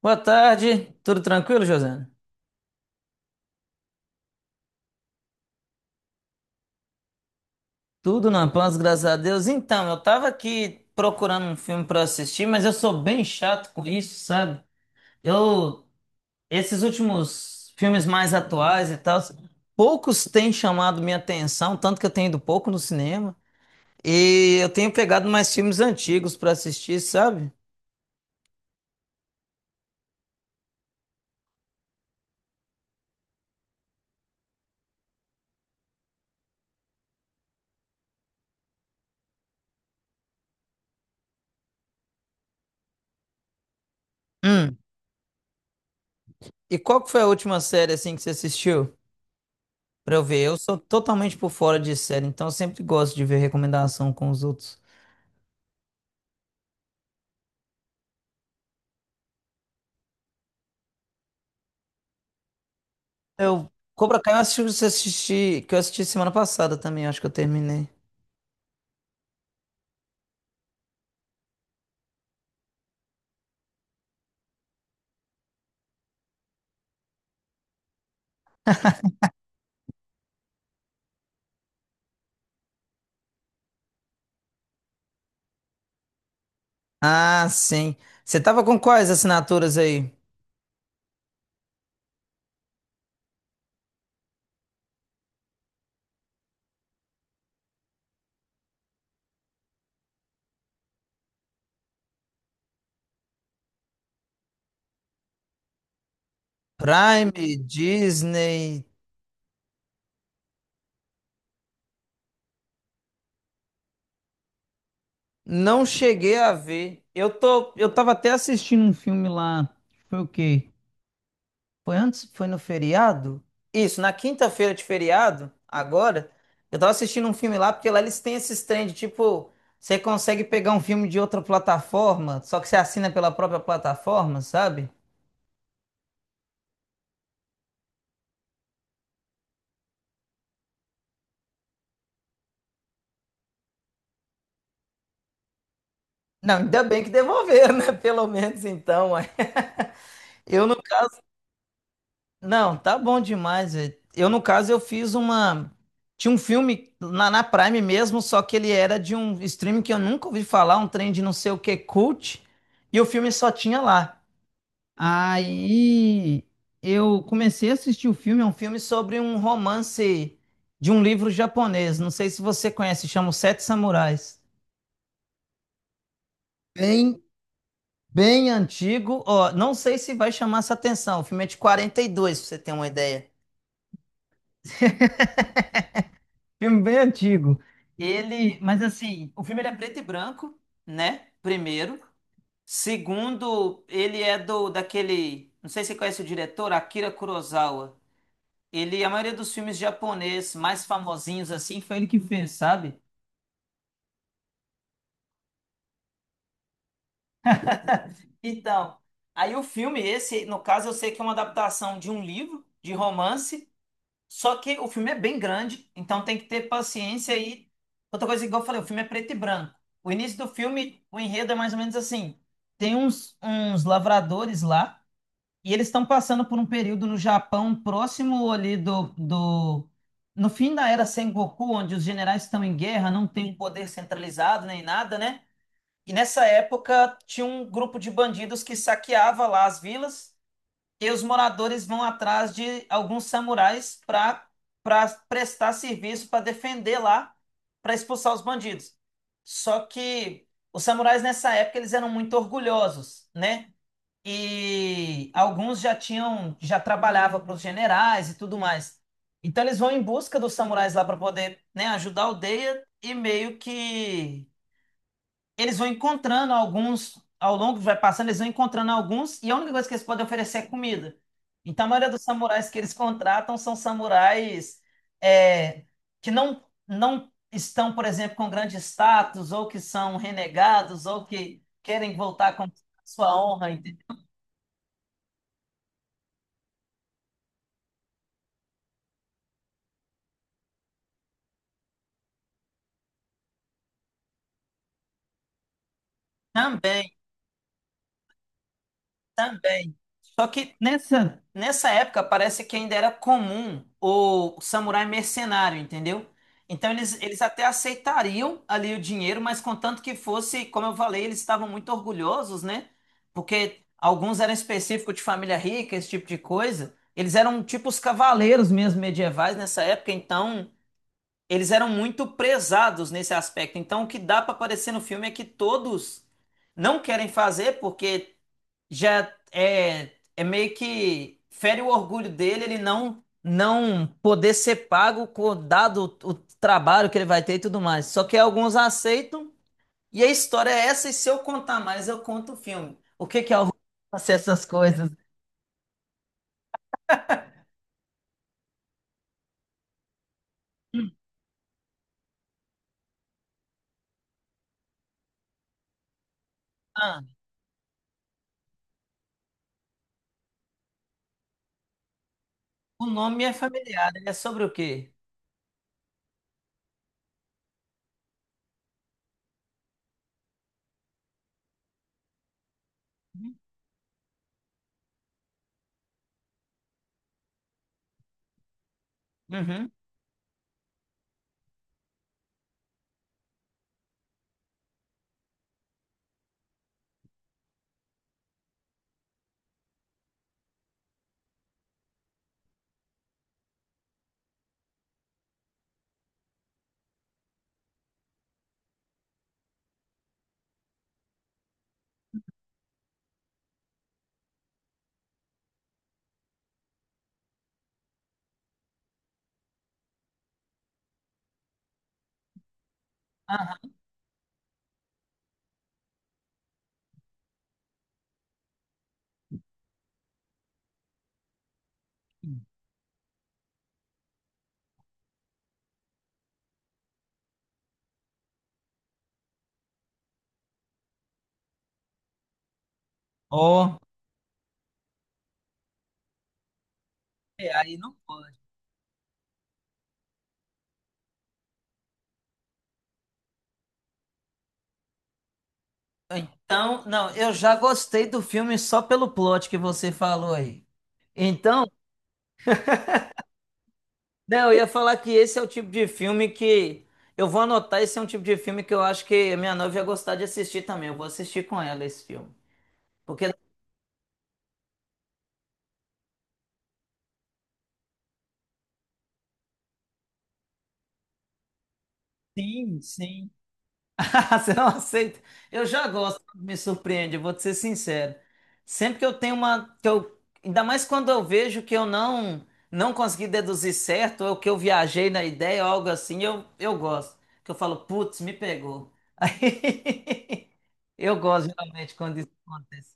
Boa tarde, tudo tranquilo, Josana? Tudo na paz, graças a Deus. Então, eu tava aqui procurando um filme pra assistir, mas eu sou bem chato com isso, sabe? Eu, esses últimos filmes mais atuais e tal, poucos têm chamado minha atenção, tanto que eu tenho ido pouco no cinema, e eu tenho pegado mais filmes antigos pra assistir, sabe? Hum. E qual que foi a última série assim que você assistiu? Pra eu ver, eu sou totalmente por fora de série, então eu sempre gosto de ver recomendação com os outros. Eu, Cobra Kai eu assisti, que eu assisti semana passada também, acho que eu terminei. Ah, sim. Você tava com quais assinaturas aí? Prime, Disney. Não cheguei a ver. Eu tava até assistindo um filme lá. Foi o quê? Foi antes? Foi no feriado? Isso, na quinta-feira de feriado, agora, eu tava assistindo um filme lá, porque lá eles têm esses trem de tipo, você consegue pegar um filme de outra plataforma, só que você assina pela própria plataforma, sabe? Não, ainda bem que devolveram, né? Pelo menos então, ué. Eu no caso, não, tá bom demais, velho. Eu no caso eu fiz uma tinha um filme na Prime mesmo, só que ele era de um streaming que eu nunca ouvi falar, um trem de não sei o que cult, e o filme só tinha lá. Aí eu comecei a assistir o filme, é um filme sobre um romance de um livro japonês. Não sei se você conhece, chama Os Sete Samurais. Bem Bem antigo, ó, não sei se vai chamar essa atenção. O filme é de 42, pra você ter uma ideia. Filme bem antigo. Ele, mas assim, o filme ele é preto e branco, né? Primeiro. Segundo, ele é do daquele, não sei se você conhece o diretor, Akira Kurosawa. Ele, a maioria dos filmes japoneses mais famosinhos assim, foi ele que fez, sabe? Então, aí o filme esse, no caso, eu sei que é uma adaptação de um livro de romance. Só que o filme é bem grande, então tem que ter paciência e outra coisa, igual eu falei, o filme é preto e branco. O início do filme, o enredo é mais ou menos assim: tem uns lavradores lá e eles estão passando por um período no Japão próximo ali do. No fim da era Sengoku, onde os generais estão em guerra, não tem um poder centralizado nem nada, né? E nessa época tinha um grupo de bandidos que saqueava lá as vilas e os moradores vão atrás de alguns samurais para prestar serviço para defender lá, para expulsar os bandidos. Só que os samurais nessa época eles eram muito orgulhosos, né? E alguns já trabalhava para os generais e tudo mais. Então eles vão em busca dos samurais lá para poder, né, ajudar a aldeia e meio que eles vão encontrando alguns, ao longo que vai passando, eles vão encontrando alguns, e a única coisa que eles podem oferecer é comida. Então, a maioria dos samurais que eles contratam são é, que não estão, por exemplo, com grande status, ou que são renegados, ou que querem voltar com sua honra, entendeu? Também. Também. Só que nessa época parece que ainda era comum o samurai mercenário, entendeu? Então eles até aceitariam ali o dinheiro, mas contanto que fosse, como eu falei, eles estavam muito orgulhosos, né? Porque alguns eram específicos de família rica, esse tipo de coisa. Eles eram tipo os cavaleiros mesmo medievais nessa época, então eles eram muito prezados nesse aspecto. Então o que dá para aparecer no filme é que todos não querem fazer porque é meio que fere o orgulho dele, ele não não poder ser pago com dado o trabalho que ele vai ter e tudo mais. Só que alguns aceitam e a história é essa e se eu contar mais eu conto o filme. O que que é orgulho? Fazer essas coisas. Hum. Ah, o nome é familiar, ele é sobre o quê? Uhum. Ah, oh, é, aí não pode. Então, não, eu já gostei do filme só pelo plot que você falou aí. Então, não, eu ia falar que esse é o tipo de filme que. Eu vou anotar, esse é um tipo de filme que eu acho que a minha noiva ia gostar de assistir também. Eu vou assistir com ela esse filme. Porque. Sim, sim. Você não aceita? Eu já gosto, me surpreende, eu vou te ser sincero. Sempre que eu tenho uma. Ainda mais quando eu vejo que eu não não consegui deduzir certo, ou que eu viajei na ideia, ou algo assim, eu gosto. Que eu falo, putz, me pegou. Aí, eu gosto geralmente quando isso acontece.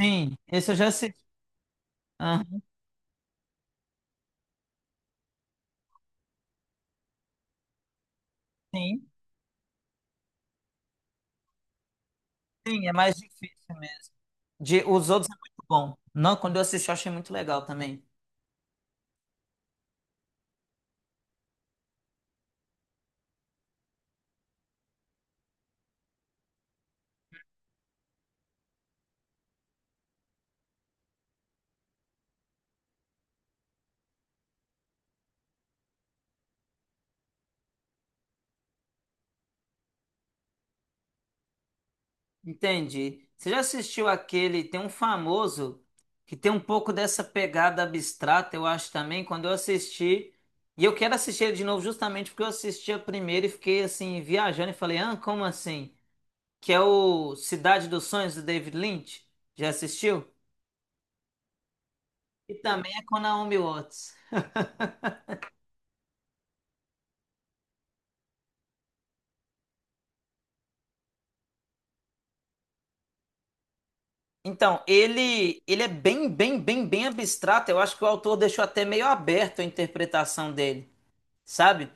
Sim, esse eu já assisti. Ah, sim, sim, é mais difícil mesmo. De, os outros é muito bom. Não, quando eu assisti, eu achei muito legal também. Entendi. Você já assistiu aquele? Tem um famoso que tem um pouco dessa pegada abstrata, eu acho também. Quando eu assisti, e eu quero assistir ele de novo, justamente porque eu assisti a primeira e fiquei assim, viajando e falei, ah, como assim? Que é o Cidade dos Sonhos do David Lynch. Já assistiu? E também é com Naomi Watts. Então, ele é bem abstrato. Eu acho que o autor deixou até meio aberto a interpretação dele, sabe?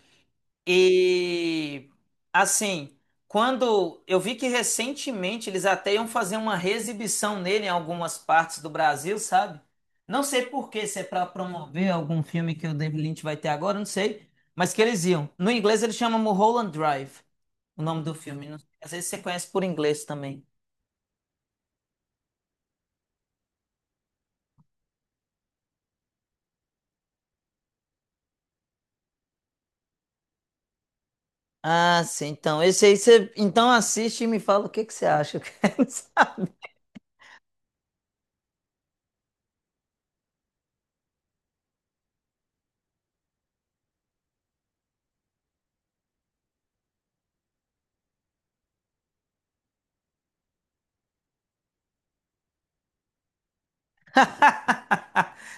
E, assim, quando eu vi que recentemente eles até iam fazer uma reexibição nele em algumas partes do Brasil, sabe? Não sei por quê, se é para promover algum filme que o David Lynch vai ter agora, não sei. Mas que eles iam. No inglês ele chama Mulholland Drive, o nome do filme. Não- Às vezes você conhece por inglês também. Ah, sim. Então, esse aí você então assiste e me fala o que que você acha. Eu quero saber.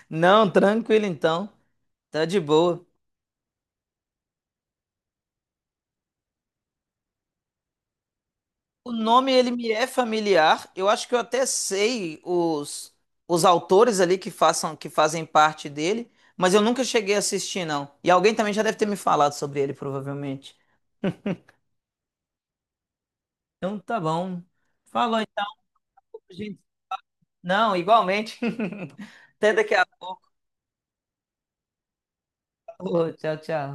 Não, tranquilo então. Tá de boa. O nome ele me é familiar. Eu acho que eu até sei os autores ali que façam que fazem parte dele, mas eu nunca cheguei a assistir não. E alguém também já deve ter me falado sobre ele, provavelmente. Então, tá bom. Falou então, gente. Não, igualmente. Até daqui a pouco. Tchau, tchau.